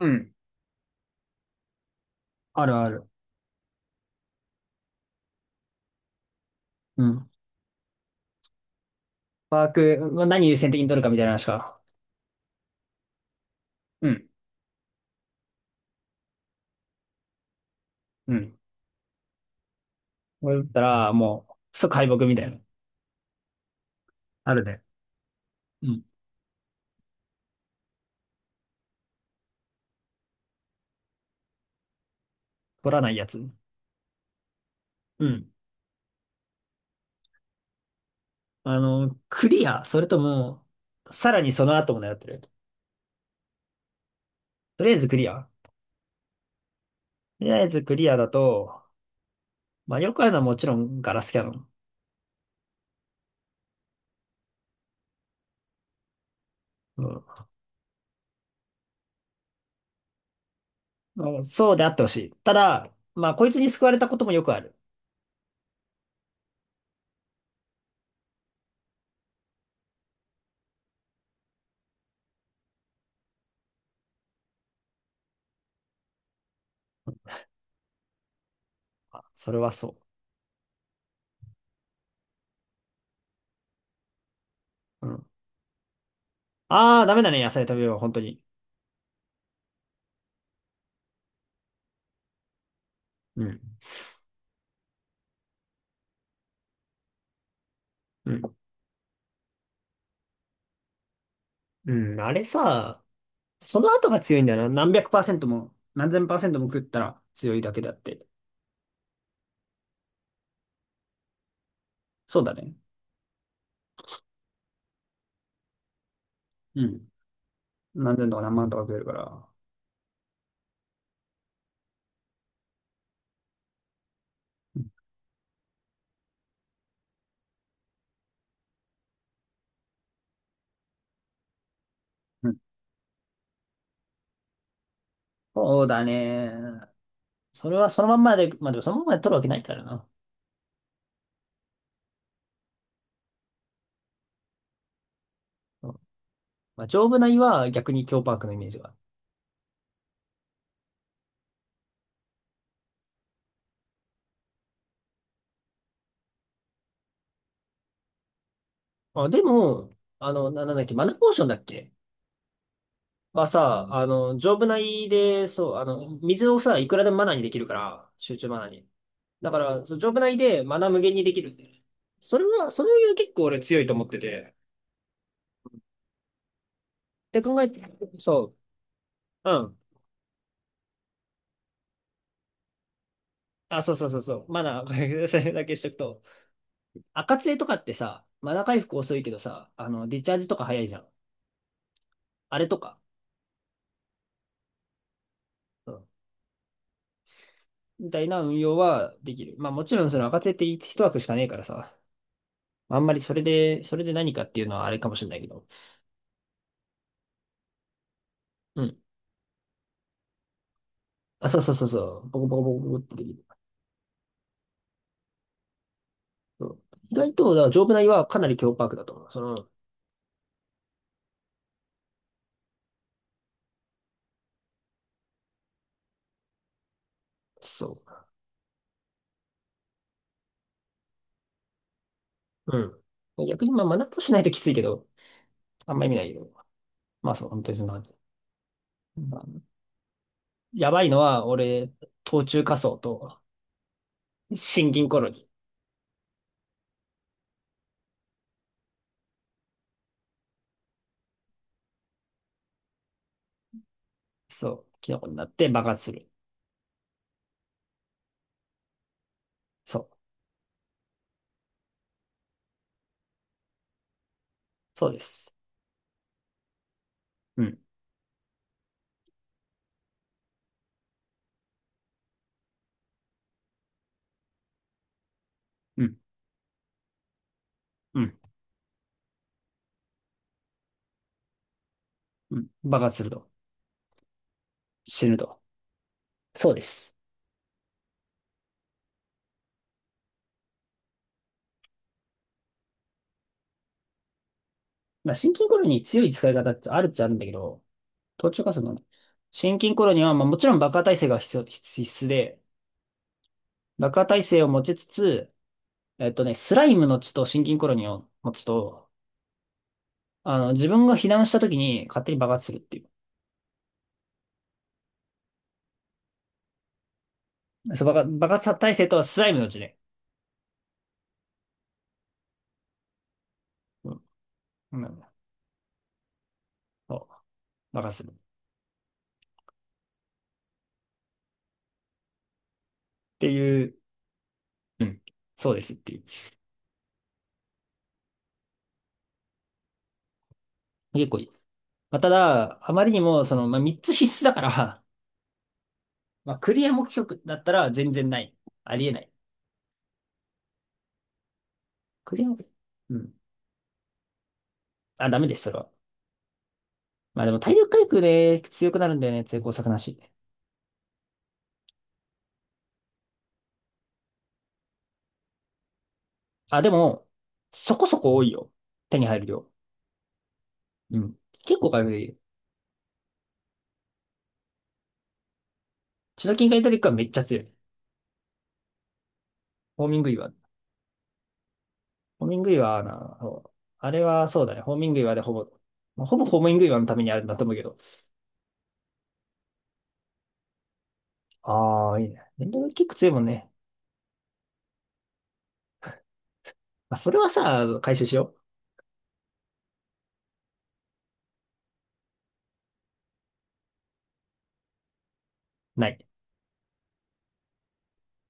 うん、あるある。うん。ワーク、まあ、何優先的に取るかみたいな話か。うん、うん。これだったら、もう、即敗北みたいな。あるね。うん。取らないやつ。うん。あの、クリア、それとも、さらにその後も狙ってる。とりあえずクリア。とりあえずクリアだと、まあよくあるのはもちろんガラスキャノン。うん。まあそうであってほしい。ただ、まあこいつに救われたこともよくある。あ、それはそう。うん。ああ、ダメだね、野菜食べよう、本当に。うん。うん。うん、あれさ、その後が強いんだよな。何百パーセントも、何千パーセントも食ったら強いだけだって。そうだね。うん。何千とか何万とか食えるから。うん。うん。そうだね。それはそのまんまで、まあでもそのまんまで取るわけないからな。うん。まあ、丈夫な胃は逆に強パークのイメージが。あ、でも、あの、な、なんだっけ、マナポーションだっけはさ、あの、丈夫な胃で、そう、あの、水をさ、いくらでもマナにできるから、集中マナに。だから、そう、丈夫な胃でマナ無限にできるんだよね。それは、それは結構俺強いと思ってて。で考えて、そう、うん。あ、そうそうそうそう。マナー、これそれだけしとくと。赤杖とかってさ、マナー回復遅いけどさ、あの、ディチャージとか早いじゃん。あれとか、うん。みたいな運用はできる。まあもちろんその赤杖って一枠しかねえからさ、まあんまりそれで、それで何かっていうのはあれかもしれないけど。うん。あ、そうそうそうそう。ボコボコボコボコってできる。そう、意外と、だから丈夫な胃はかなり強パークだと思う。その、そう。うん。逆にまあマナーとしないときついけど、あんま意味ないけど。まあそう、本当にそんな感じ。やばいのは、俺、冬虫夏草と新銀コロニ。そう、キノコになって爆発する。そう、そうです。うん、うん、うん、うん。爆発すると。死ぬと。そうです。まあ、新銀コロニに強い使い方ってあるっちゃあるんだけど、冬虫夏草の新銀コロニーは、まあ、もちろん爆破耐性が必要、必必須で、爆破耐性を持ちつつ、えっとね、スライムの血と心筋コロニーを持つと、あの、自分が避難した時に勝手に爆発するっていう。そう、爆発耐性とスライムの血で。うん。うん。そう任すっていう、うん。そうですっていう。結構いい。まあ、ただ、あまりにも、その、まあ、3つ必須だから、まあ、クリア目標だったら全然ない。ありえない。クリア目標。うん。あ、ダメです、それは。まあでも、体力回復で強くなるんだよね、成功作なし。あ、でも、そこそこ多いよ。手に入る量。うん。結構回復できる。チノキンカイトリックはめっちゃ強い。ホーミング岩。ホーミング岩な、そう、あれはそうだね。ホーミング岩でほぼ、まあ、ほぼホーミング岩のためにあるんだと思うけど。ああ、いいね。電動キック強いもんね。まあ、それはさ、回収しよう。ない。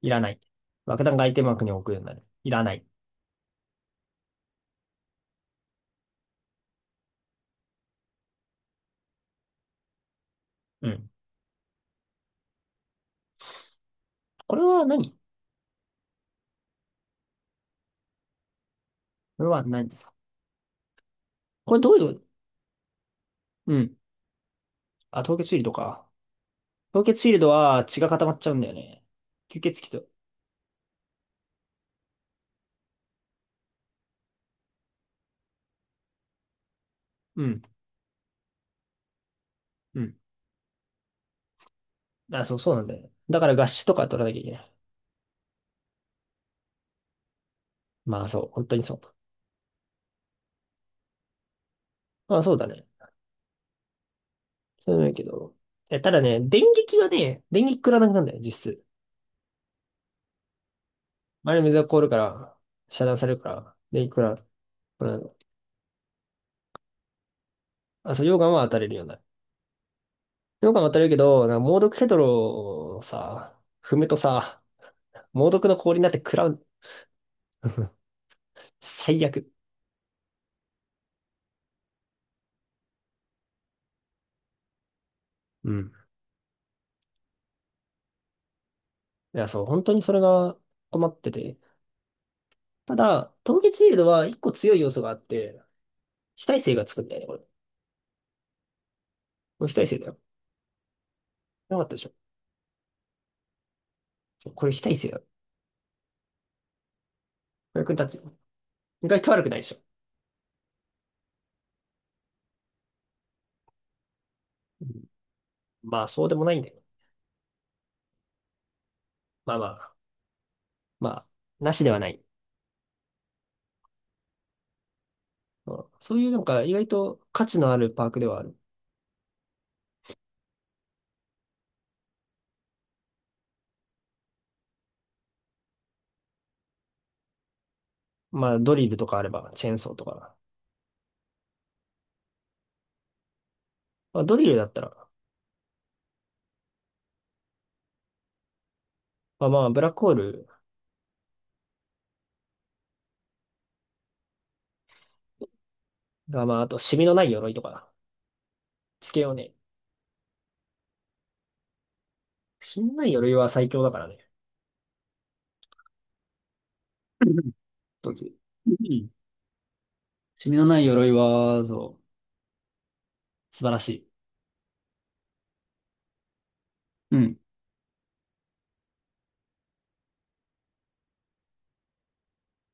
いらない。爆弾が相手幕に置くようになる。いらない。うん。これは何。これは何。これどういう、うん。あ、凍結フィールドか。凍結フィールドは血が固まっちゃうんだよね。吸血鬼と。うん。うん。あ、そう、そうなんだよね。だから合死とか取らなきゃいけない。まあそう、本当にそう。まあそうだね。そういうのいいけど。え、ただね、電撃がね、電撃食らわなくなるんだよ、実質。あれ水が凍るから、遮断されるから、電撃食らう。あ、そう、溶岩は当たれるようになる。溶岩は当たれるけど、な猛毒ヘドロをさ、踏むとさ、猛毒の氷になって食らう。最悪。うん。いや、そう、本当にそれが困ってて。ただ、凍結シールドは一個強い要素があって、非耐性がつくんだよね、これ。これ非耐性だよ。なかったでしょ。これ非耐性だよ。これ役に立つよ。意外と悪くないでしょ。うん。まあ、そうでもないんだよ。まあまあ、まあ、なしではない。うん。そういうなんか、意外と価値のあるパークではある。まあ、ドリルとかあれば、チェーンソーとか。まあ、ドリルだったら、まあまあ、ブラックホールが、まあ、あと、シミのない鎧とか、つけようね。シミのない鎧は最強だからね。どっち。うん。シミのない鎧は、そう、素晴らしい。うん。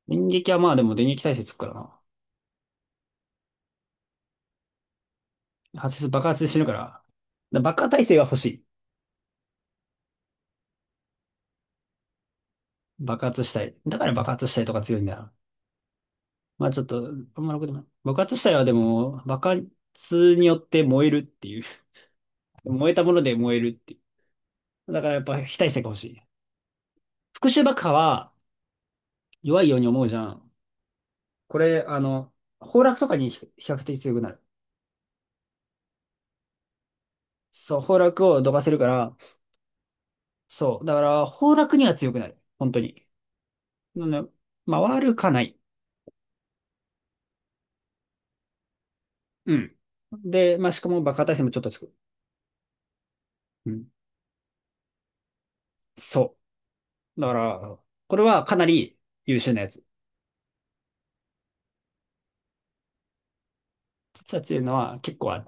電撃はまあでも電撃耐性つくからな。発生爆発で死ぬから。だ爆破耐性が欲しい。爆発したい。だから爆発したいとか強いんだよな。まあちょっと、あんまろくでもない。爆発したいはでも、爆発によって燃えるっていう。燃えたもので燃えるっていう。だからやっぱ非耐性が欲しい。復讐爆破は、弱いように思うじゃん。これ、あの、崩落とかに比較的強くなる。そう、崩落をどかせるから、そう。だから、崩落には強くなる。本当に。なので、まあ、悪かない。うん。で、まあ、しかも爆破耐性もちょっとつく。うん。そう。だから、これはかなり優秀なやつ。実は強いのは結構ある。